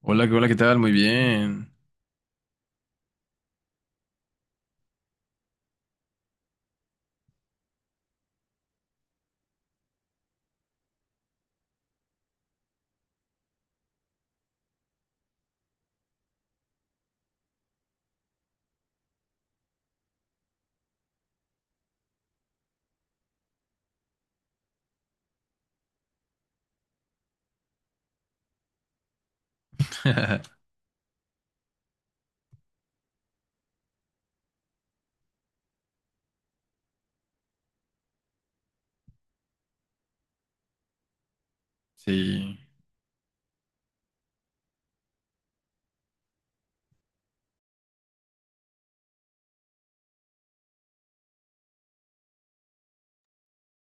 Hola, hola, ¿qué tal? Muy bien. Sí.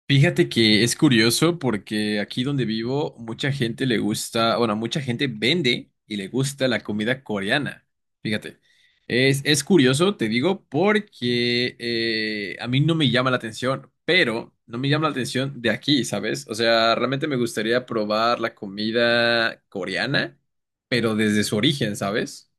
Fíjate que es curioso porque aquí donde vivo, mucha gente le gusta, bueno, mucha gente vende y le gusta la comida coreana. Fíjate. Es curioso, te digo, porque a mí no me llama la atención, pero no me llama la atención de aquí, ¿sabes? O sea, realmente me gustaría probar la comida coreana, pero desde su origen, ¿sabes?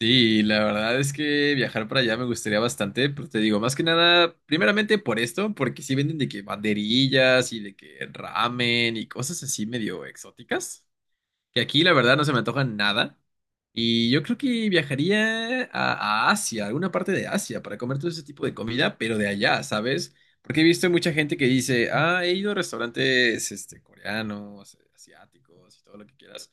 Sí, la verdad es que viajar para allá me gustaría bastante, pero te digo, más que nada, primeramente por esto, porque sí venden de que banderillas y de que ramen y cosas así medio exóticas, que aquí la verdad no se me antojan nada. Y yo creo que viajaría a Asia, alguna parte de Asia, para comer todo ese tipo de comida, pero de allá, ¿sabes? Porque he visto mucha gente que dice, ah, he ido a restaurantes este, coreanos, asiáticos y todo lo que quieras.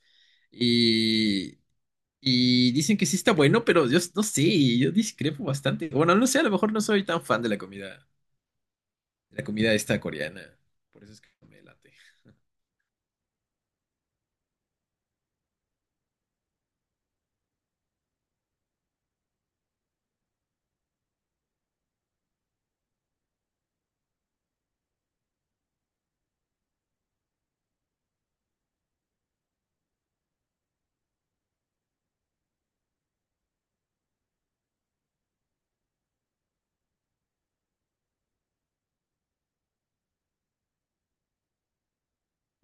Y dicen que sí está bueno, pero yo no sé, yo discrepo bastante. Bueno, no sé, a lo mejor no soy tan fan de la comida esta coreana. Por eso es que no me late.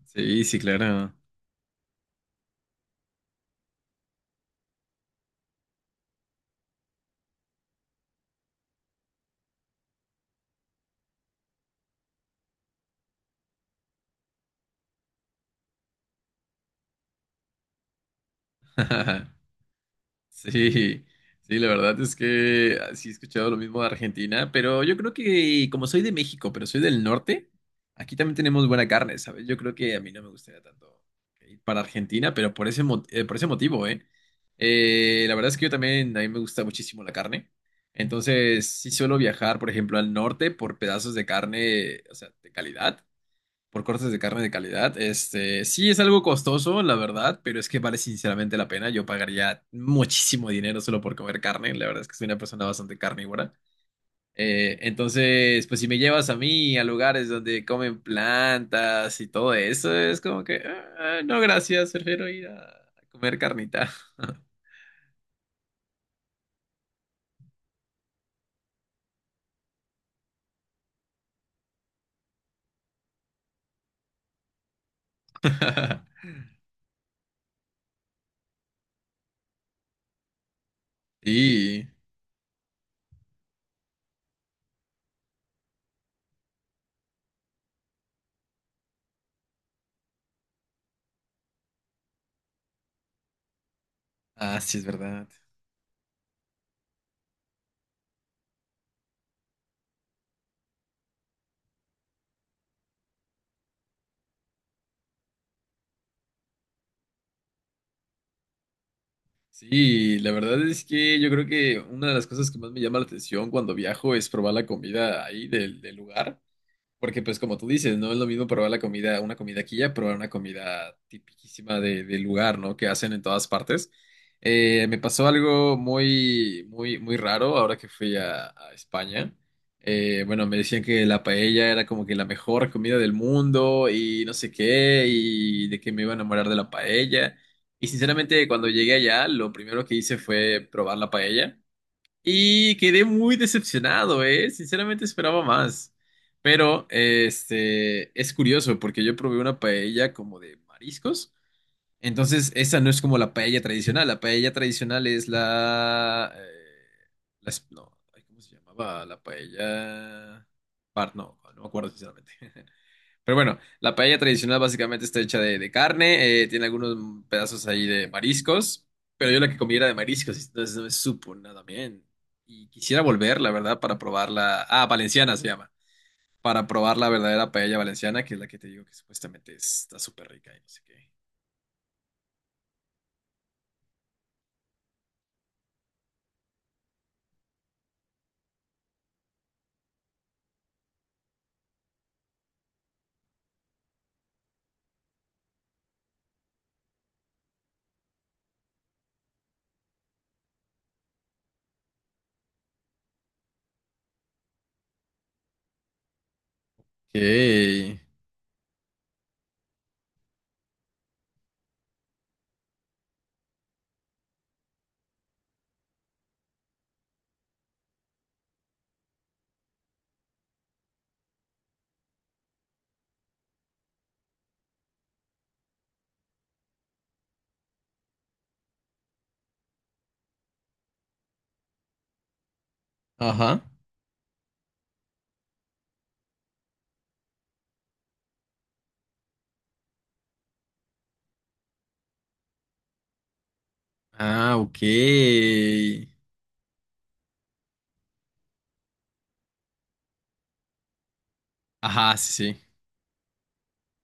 Sí, sí, claro. Sí, sí, la verdad es que sí he escuchado lo mismo de Argentina, pero yo creo que como soy de México, pero soy del norte, aquí también tenemos buena carne, ¿sabes? Yo creo que a mí no me gustaría tanto ir para Argentina, pero por ese, por ese motivo, ¿eh? La verdad es que yo también, a mí me gusta muchísimo la carne. Entonces, sí suelo viajar, por ejemplo, al norte por pedazos de carne, o sea, de calidad por cortes de carne de calidad. Este, sí es algo costoso, la verdad, pero es que vale sinceramente la pena. Yo pagaría muchísimo dinero solo por comer carne. La verdad es que soy una persona bastante carnívora. Entonces, pues si me llevas a mí a lugares donde comen plantas y todo eso, es como que, "Ah, no, gracias, prefiero ir a comer carnita". Sí, ah, sí, es verdad. Sí, la verdad es que yo creo que una de las cosas que más me llama la atención cuando viajo es probar la comida ahí del, del lugar. Porque pues como tú dices, no es lo mismo probar la comida, una comida aquí ya, probar una comida tipiquísima de, del lugar, ¿no? Que hacen en todas partes. Me pasó algo muy, muy, muy raro ahora que fui a España. Bueno, me decían que la paella era como que la mejor comida del mundo y no sé qué, y de que me iba a enamorar de la paella. Y sinceramente, cuando llegué allá, lo primero que hice fue probar la paella. Y quedé muy decepcionado, ¿eh? Sinceramente esperaba más. Pero, este, es curioso porque yo probé una paella como de mariscos. Entonces, esa no es como la paella tradicional. La paella tradicional es la... no, ay, ¿cómo se llamaba? La paella... Par, no, no me acuerdo sinceramente. Pero bueno, la paella tradicional básicamente está hecha de carne, tiene algunos pedazos ahí de mariscos, pero yo la que comí era de mariscos, entonces no me supo nada bien. Y quisiera volver, la verdad, para probarla. Ah, valenciana se llama. Para probar la verdadera paella valenciana, que es la que te digo que supuestamente está súper rica y no sé qué. Ok. Ajá. Ah, ok. Ajá, sí, sí.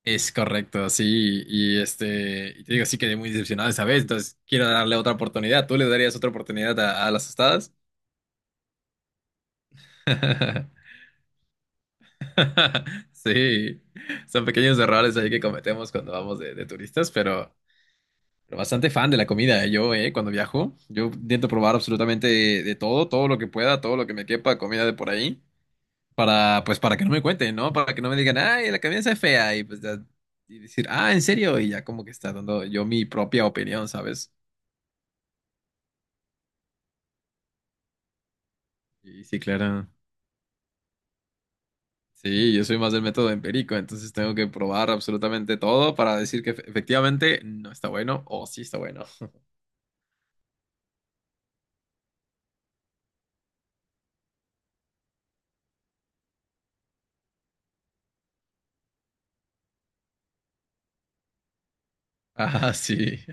Es correcto, sí, y este, y te digo, sí quedé muy decepcionado esa vez, entonces quiero darle otra oportunidad. ¿Tú le darías otra oportunidad a las tostadas? Sí, son pequeños errores ahí que cometemos cuando vamos de turistas, pero bastante fan de la comida, ¿eh? Yo, cuando viajo, yo intento probar absolutamente de todo, todo lo que pueda, todo lo que me quepa, comida de por ahí, para, pues, para que no me cuenten, ¿no? Para que no me digan, ay, la comida está fea, y pues ya y decir, ah, ¿en serio? Y ya como que está dando yo mi propia opinión, ¿sabes? Sí, sí, claro. Sí, yo soy más del método empírico, entonces tengo que probar absolutamente todo para decir que efectivamente no está bueno o sí está bueno. Ah, sí.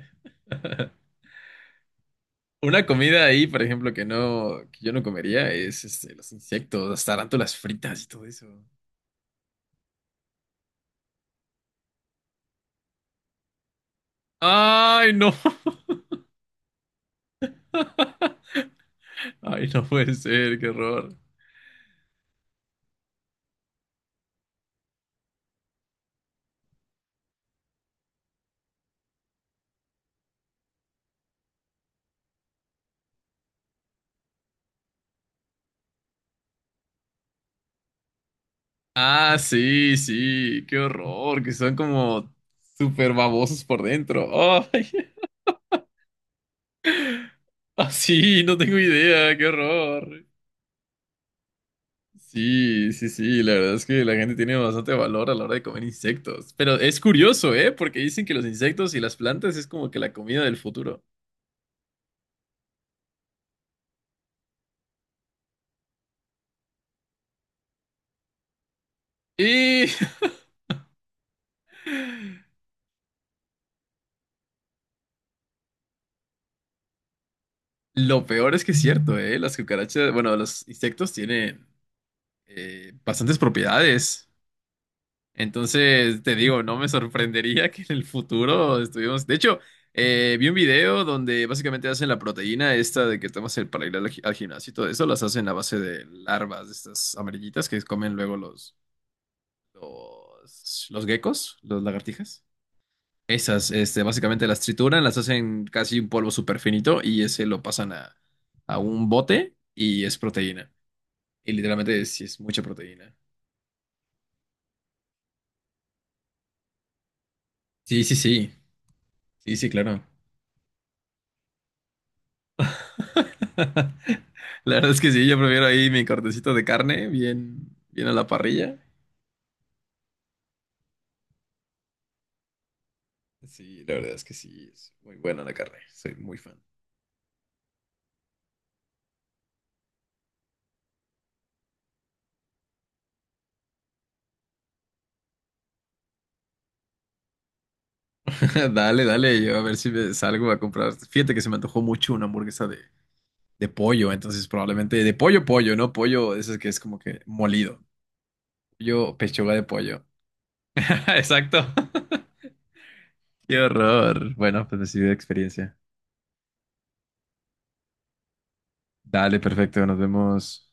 Una comida ahí, por ejemplo, que no, que yo no comería es este, los insectos, las tarántulas fritas y todo eso. ¡Ay, no! ¡Ay, no puede ser! ¡Qué horror! Ah, sí, sí, qué horror, que son como súper babosos por dentro. ¡Ay! Ah, sí, no tengo idea, qué horror. Sí, sí, sí, la verdad es que la gente tiene bastante valor a la hora de comer insectos. Pero es curioso, ¿eh? Porque dicen que los insectos y las plantas es como que la comida del futuro. Y lo peor es que es cierto, ¿eh? Las cucarachas, bueno, los insectos tienen bastantes propiedades. Entonces, te digo, no me sorprendería que en el futuro estuvimos... De hecho, vi un video donde básicamente hacen la proteína esta de que tomas el para ir al, al gimnasio y todo eso, las hacen a base de larvas, de estas amarillitas que comen luego los geckos, los lagartijas. Esas, este, básicamente las trituran, las hacen casi un polvo súper finito y ese lo pasan a un bote y es proteína. Y literalmente sí es mucha proteína. Sí, sí, sí. Sí, sí, claro. La verdad es que sí, yo prefiero ahí mi cortecito de carne, bien, bien a la parrilla. Sí, la verdad es que sí, es muy buena la carne, soy muy fan. Dale, dale, yo a ver si me salgo a comprar. Fíjate que se me antojó mucho una hamburguesa de pollo, entonces probablemente de pollo, pollo, ¿no? Pollo, eso es que es como que molido. Yo, pechuga de pollo. Exacto. Qué horror. Bueno, pues decidí de experiencia. Dale, perfecto, nos vemos.